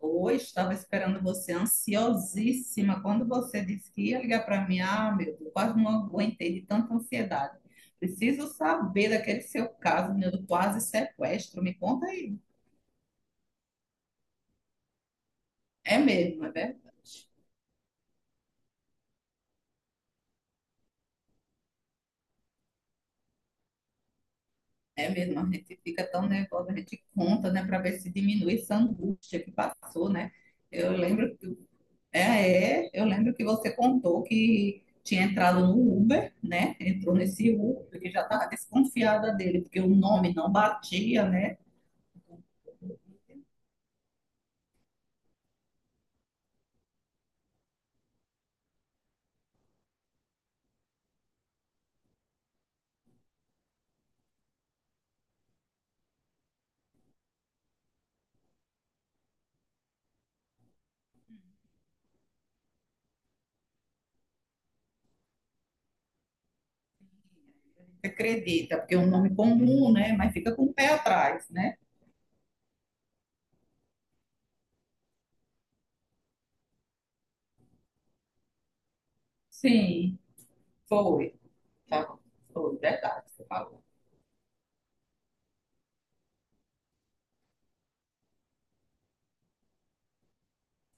Oi, estava esperando você ansiosíssima. Quando você disse que ia ligar para mim, ah, meu Deus, quase não aguentei de tanta ansiedade. Preciso saber daquele seu caso, meu, do quase sequestro. Me conta aí. É mesmo, é verdade. É mesmo, a gente fica tão nervosa, a gente conta, né, para ver se diminui essa angústia que passou, né? Eu lembro. Eu lembro que você contou que tinha entrado no Uber, né? Entrou nesse Uber, que já estava desconfiada dele, porque o nome não batia, né? Você acredita, porque é um nome comum, né? Mas fica com o pé atrás, né? Sim, foi. Tá, foi, verdade, você falou.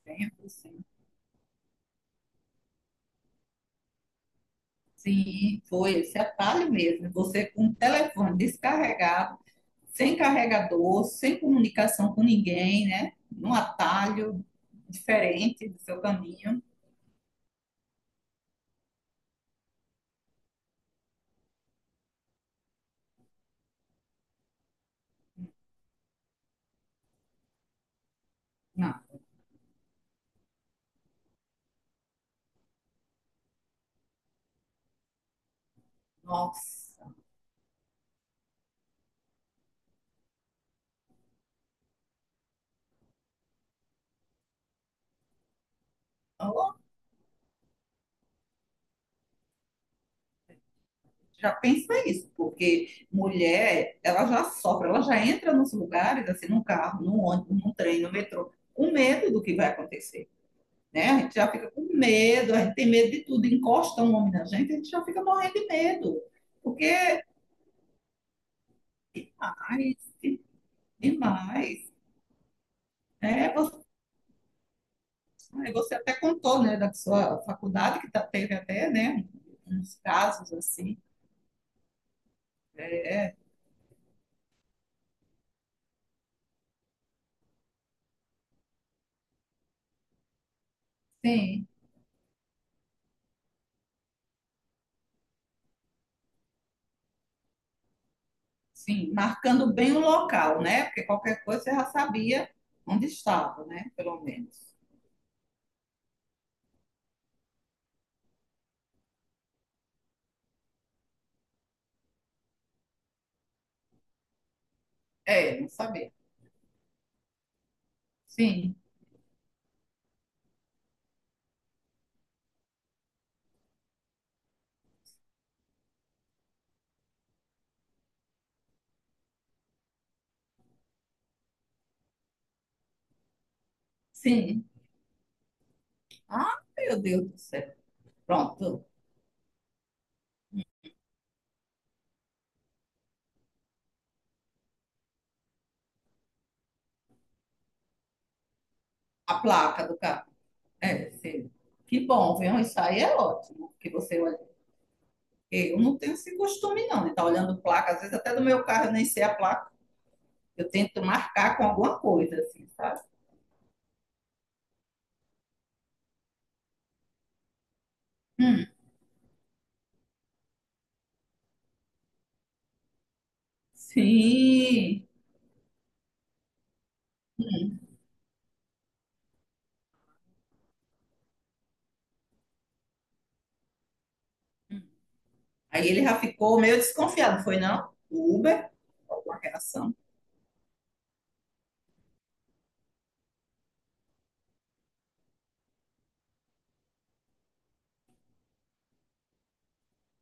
Bem assim. Sim, foi esse atalho mesmo. Você com o telefone descarregado, sem carregador, sem comunicação com ninguém, né? Num atalho diferente do seu caminho. Não. Nossa. Então, já pensa isso, porque mulher, ela já sofre, ela já entra nos lugares, assim, num carro, num ônibus, num trem, no metrô, com medo do que vai acontecer, né? A gente já fica com medo, a gente tem medo de tudo, encosta um homem na gente, a gente já fica morrendo de medo, porque, ai, demais, né? Você. Aí você até contou, né, da sua faculdade, que tá- teve até, né, uns casos assim. Sim. Sim, marcando bem o local, né? Porque qualquer coisa você já sabia onde estava, né? Pelo menos. É, não sabia. Sim, sim. Ah, meu Deus do céu. Pronto, a placa do carro. É, sim. Que bom, viu? Isso aí é ótimo. Que você olha. Eu não tenho esse costume, não, de estar olhando placa. Às vezes, até do meu carro, eu nem sei a placa. Eu tento marcar com alguma coisa, assim, sabe? Sim. Aí ele já ficou meio desconfiado, foi não? O Uber? Alguma relação?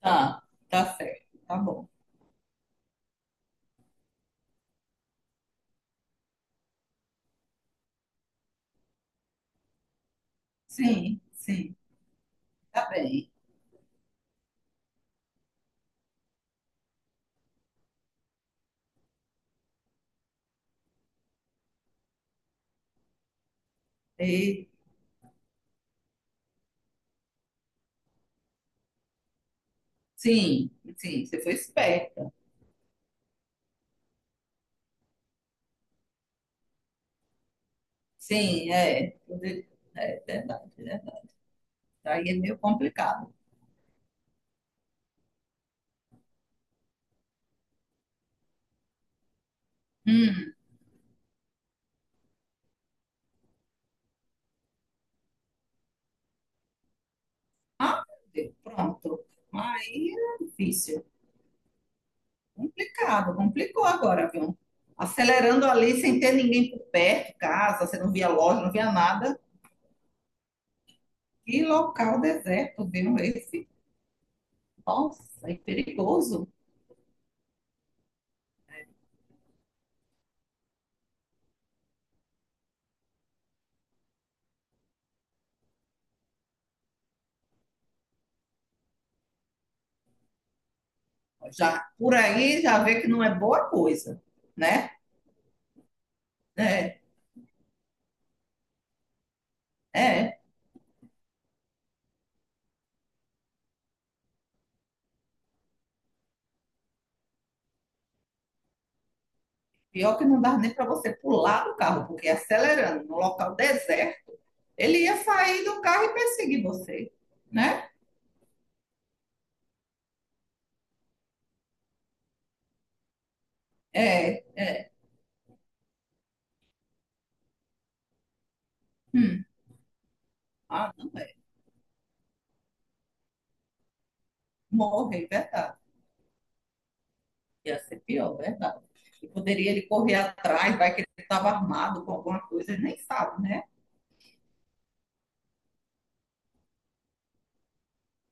Tá, tá certo, tá bom. Sim, sim, tá bem. E- sim, sim, você foi esperta. Sim, é. É verdade, é verdade. Aí é meio complicado. Hum. Ah, meu Deus, pronto. Aí é difícil. Complicado, complicou agora, viu? Acelerando ali sem ter ninguém por perto, casa, você não via loja, não via nada. Que local deserto, viu? Esse, nossa, é perigoso. Já, por aí já vê que não é boa coisa, né? É, é. Pior que não dá nem para você pular do carro, porque acelerando no local deserto, ele ia sair do carro e perseguir você, né? É, é. Hum. Ah, não é. Morre, é verdade. Ia ser pior, é verdade. E poderia ele correr atrás, vai que ele estava armado com alguma coisa, ele nem sabe, né?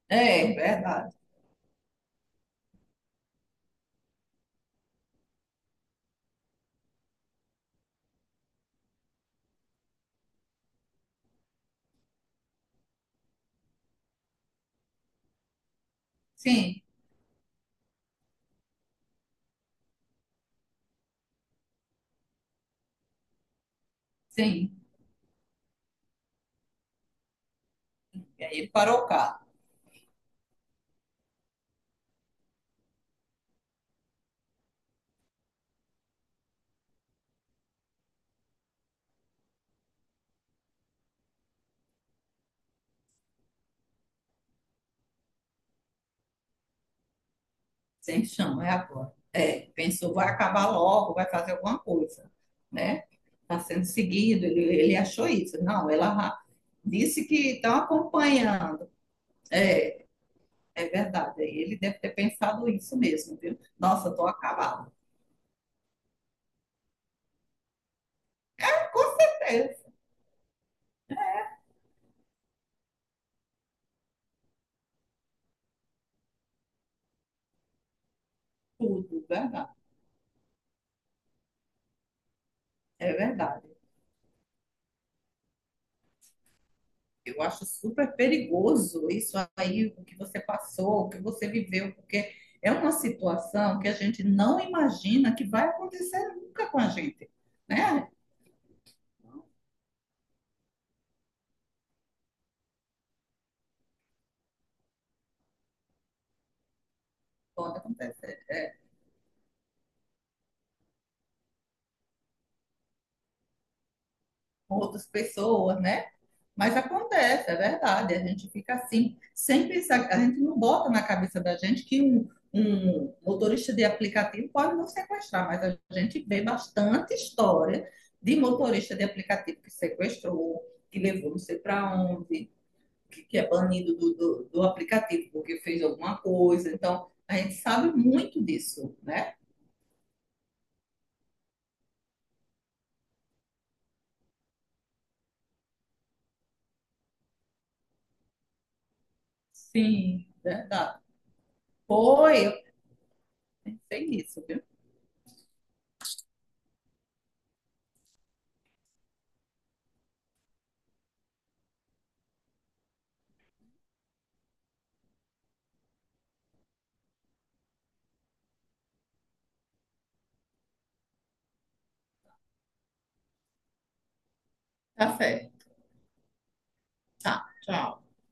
É, é verdade. Sim, sim. E aí ele parou o carro, sem chão, é agora. É, pensou, vai acabar logo, vai fazer alguma coisa, né? Está sendo seguido, ele achou isso. Não, ela disse que estão acompanhando. É, é verdade, ele deve ter pensado isso mesmo, viu? Nossa, estou acabado. Com certeza, tudo, verdade, é verdade. Eu acho super perigoso isso aí, o que você passou, o que você viveu, porque é uma situação que a gente não imagina que vai acontecer nunca com a gente, né? Quando acontece é, com outras pessoas, né? Mas acontece, é verdade. A gente fica assim, sem pensar, a gente não bota na cabeça da gente que um motorista de aplicativo pode nos sequestrar, mas a gente vê bastante história de motorista de aplicativo que sequestrou, que levou não sei para onde, que, é banido do aplicativo porque fez alguma coisa. Então, a gente sabe muito disso, né? Sim, verdade. Foi, eu pensei nisso, viu? Tá certo. Tá, tchau.